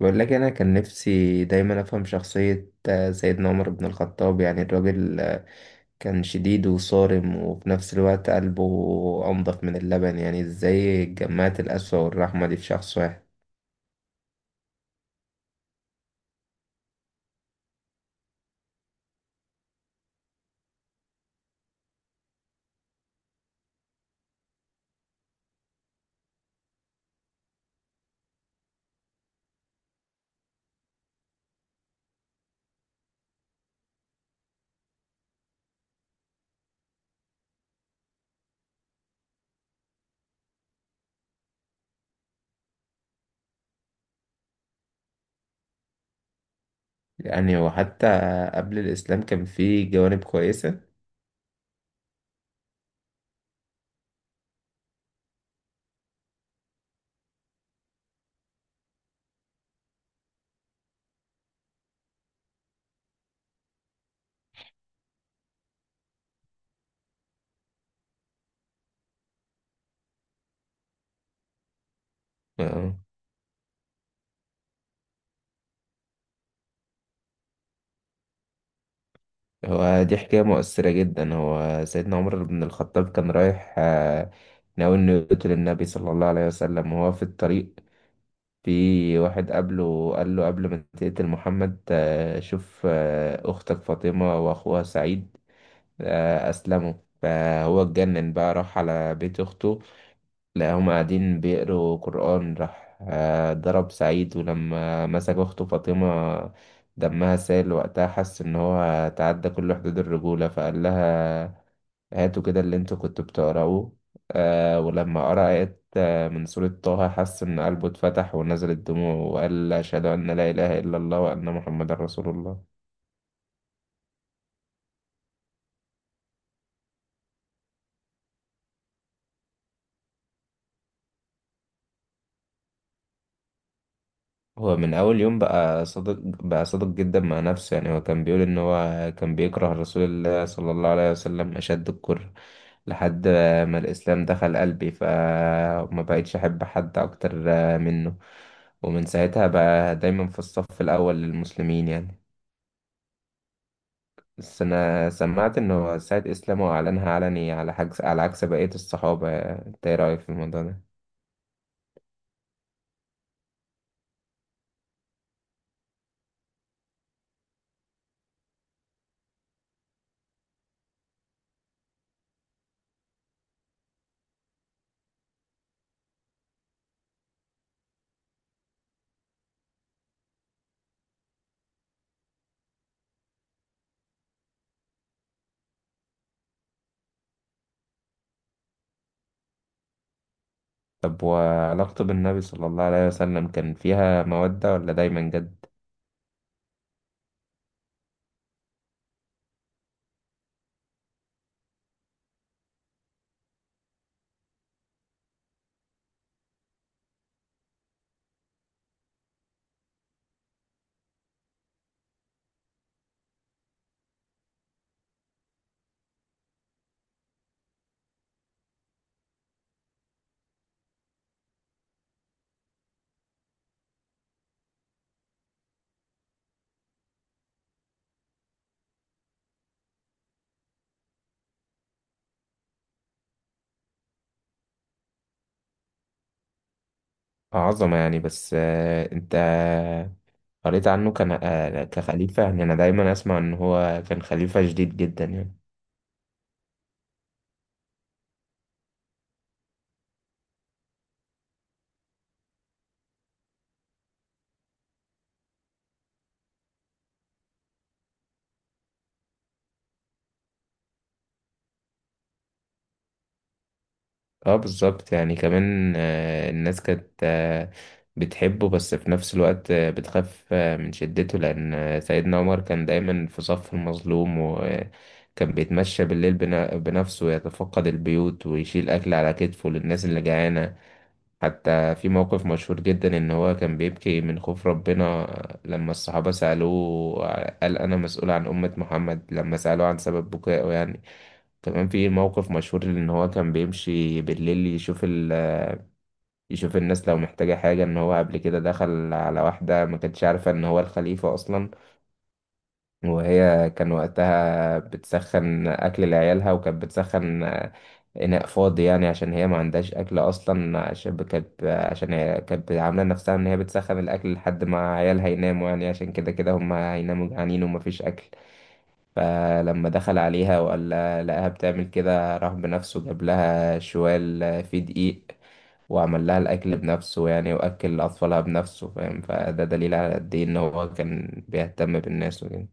بقول لك انا كان نفسي دايما افهم شخصية سيدنا عمر بن الخطاب، يعني الراجل كان شديد وصارم وفي نفس الوقت قلبه انضف من اللبن. يعني ازاي جمعت القسوة والرحمة دي في شخص واحد؟ يعني وحتى قبل الاسلام كان فيه جوانب كويسة. آه. هو دي حكاية مؤثرة جدا. هو سيدنا عمر بن الخطاب كان رايح، ناوي انه يقتل النبي صلى الله عليه وسلم، وهو في الطريق في واحد قبله قال له قبل ما تقتل محمد شوف أختك فاطمة وأخوها سعيد أسلموا. فهو اتجنن بقى، راح على بيت أخته، لقاهم قاعدين بيقروا قرآن، راح ضرب سعيد، ولما مسك أخته فاطمة دمها سال، وقتها حس إن هو تعدى كل حدود الرجولة، فقال لها هاتوا كده اللي انتوا كنتوا بتقرأوه. آه ولما قرأ آيات من سورة طه، حس إن قلبه اتفتح، ونزلت دموعه، وقال أشهد أن لا إله إلا الله وأن محمد رسول الله. هو من أول يوم بقى صادق، بقى صادق جدا مع نفسه. يعني هو كان بيقول إن هو كان بيكره رسول الله صلى الله عليه وسلم أشد الكره، لحد ما الإسلام دخل قلبي فما بقيتش أحب حد أكتر منه. ومن ساعتها بقى دايما في الصف الأول للمسلمين يعني. بس أنا سمعت إنه السيد إسلام هو أعلنها علني على حجز على عكس بقية الصحابة، أنت إيه رأيك في الموضوع ده؟ طب وعلاقته بالنبي صلى الله عليه وسلم كان فيها مودة ولا دايما جد؟ عظمة يعني. بس أنت قريت عنه كان كخليفة؟ يعني أنا دايما أسمع إن هو كان خليفة شديد جدا يعني. اه بالظبط. يعني كمان الناس كانت بتحبه، بس في نفس الوقت بتخاف من شدته، لأن سيدنا عمر كان دايما في صف المظلوم، وكان بيتمشى بالليل بنفسه يتفقد البيوت، ويشيل أكل على كتفه للناس اللي جعانة. حتى في موقف مشهور جدا إن هو كان بيبكي من خوف ربنا لما الصحابة سألوه قال أنا مسؤول عن أمة محمد، لما سألوه عن سبب بكائه يعني. تمام في موقف مشهور ان هو كان بيمشي بالليل يشوف الناس لو محتاجة حاجة. ان هو قبل كده دخل على واحدة ما كانتش عارفة ان هو الخليفة اصلا، وهي كان وقتها بتسخن اكل لعيالها، وكانت بتسخن اناء فاضي، يعني عشان هي ما عندهاش اكل اصلا، عشان كانت عشان هي كانت عاملة نفسها ان هي بتسخن الاكل لحد ما عيالها يناموا، يعني عشان كده كده هم هيناموا جعانين ومفيش اكل. فلما دخل عليها لقاها بتعمل كده، راح بنفسه جاب لها شوال فيه دقيق، وعمل لها الأكل بنفسه، يعني وأكل أطفالها بنفسه، فاهم؟ فده دليل على قد إيه إن هو كان بيهتم بالناس وكده.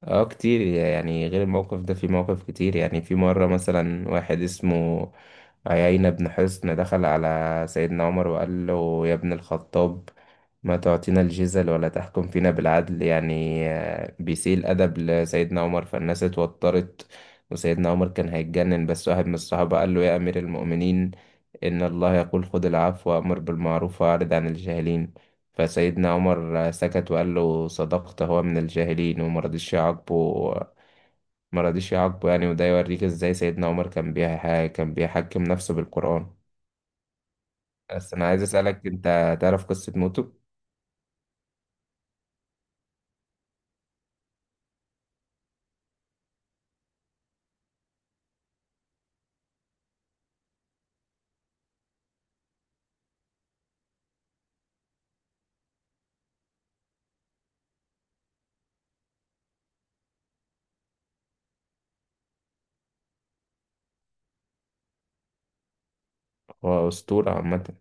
اه كتير يعني، غير الموقف ده في مواقف كتير. يعني في مرة مثلا واحد اسمه عيينة بن حصن دخل على سيدنا عمر وقال له يا ابن الخطاب، ما تعطينا الجزل ولا تحكم فينا بالعدل، يعني بيسيء الأدب لسيدنا عمر، فالناس اتوترت، وسيدنا عمر كان هيتجنن، بس واحد من الصحابة قال له يا أمير المؤمنين، إن الله يقول خذ العفو وأمر بالمعروف وأعرض عن الجاهلين، فسيدنا عمر سكت وقال له صدقت، هو من الجاهلين، وما رضيش يعاقبه. ما رضيش يعاقبه يعني، وده يوريك إزاي سيدنا عمر كان بيحكم نفسه بالقرآن. بس أنا عايز أسألك، أنت تعرف قصة موته؟ هو أسطورة عامة.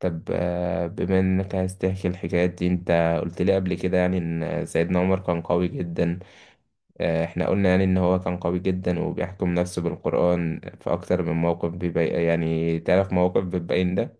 طب بما إنك عايز تحكي الحكايات دي، أنت قلت لي قبل كده يعني إن سيدنا عمر كان قوي جدا، احنا قلنا يعني ان هو كان قوي جدا وبيحكم نفسه بالقرآن. في اكتر من موقف بيبين يعني، تعرف موقف بتبين ده؟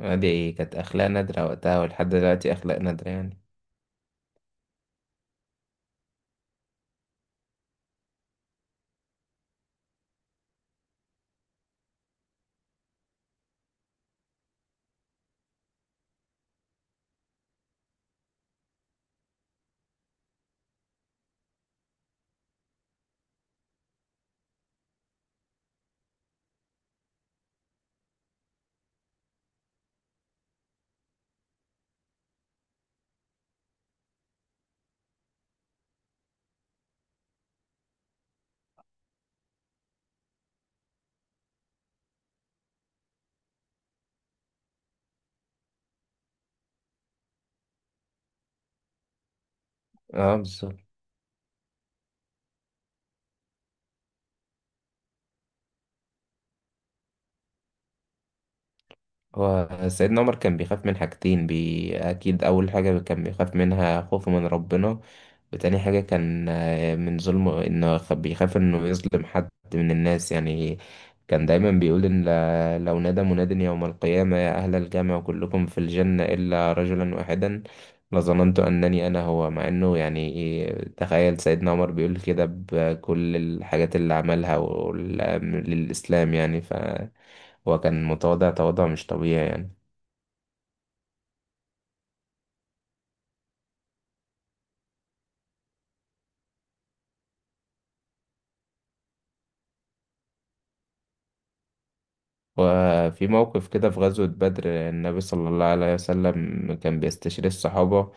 دي كانت اخلاق نادرة وقتها، ولحد دلوقتي اخلاق نادرة يعني. اه بالظبط. هو سيدنا عمر كان بيخاف من حاجتين، أكيد أول حاجة كان بيخاف منها خوفه من ربنا، وتاني حاجة كان من ظلمه، إنه بيخاف إنه يظلم حد من الناس يعني. كان دايما بيقول إن لو نادى مناد يوم القيامة يا أهل الجامع كلكم في الجنة إلا رجلا واحدا، لظننت أنني أنا هو. مع إنه يعني تخيل سيدنا عمر بيقول كده، بكل الحاجات اللي عملها للإسلام يعني. ف هو كان متواضع تواضع مش طبيعي يعني. وفي موقف كده في غزوة بدر، النبي صلى الله عليه وسلم كان بيستشير الصحابة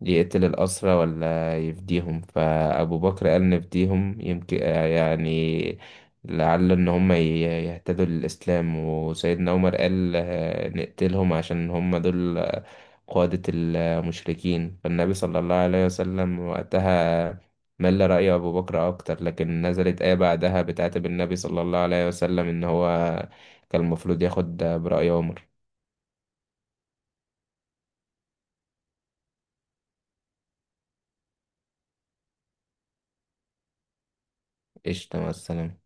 يقتل الأسرى ولا يفديهم، فأبو بكر قال نفديهم، يمكن يعني لعل إن هم يهتدوا للإسلام، وسيدنا عمر قال نقتلهم عشان هم دول قادة المشركين. فالنبي صلى الله عليه وسلم وقتها مل رأي أبو بكر أكتر، لكن نزلت آية بعدها بتعاتب النبي صلى الله عليه وسلم إن هو كان المفروض ياخد برأي عمر. قشطة، مع السلامة.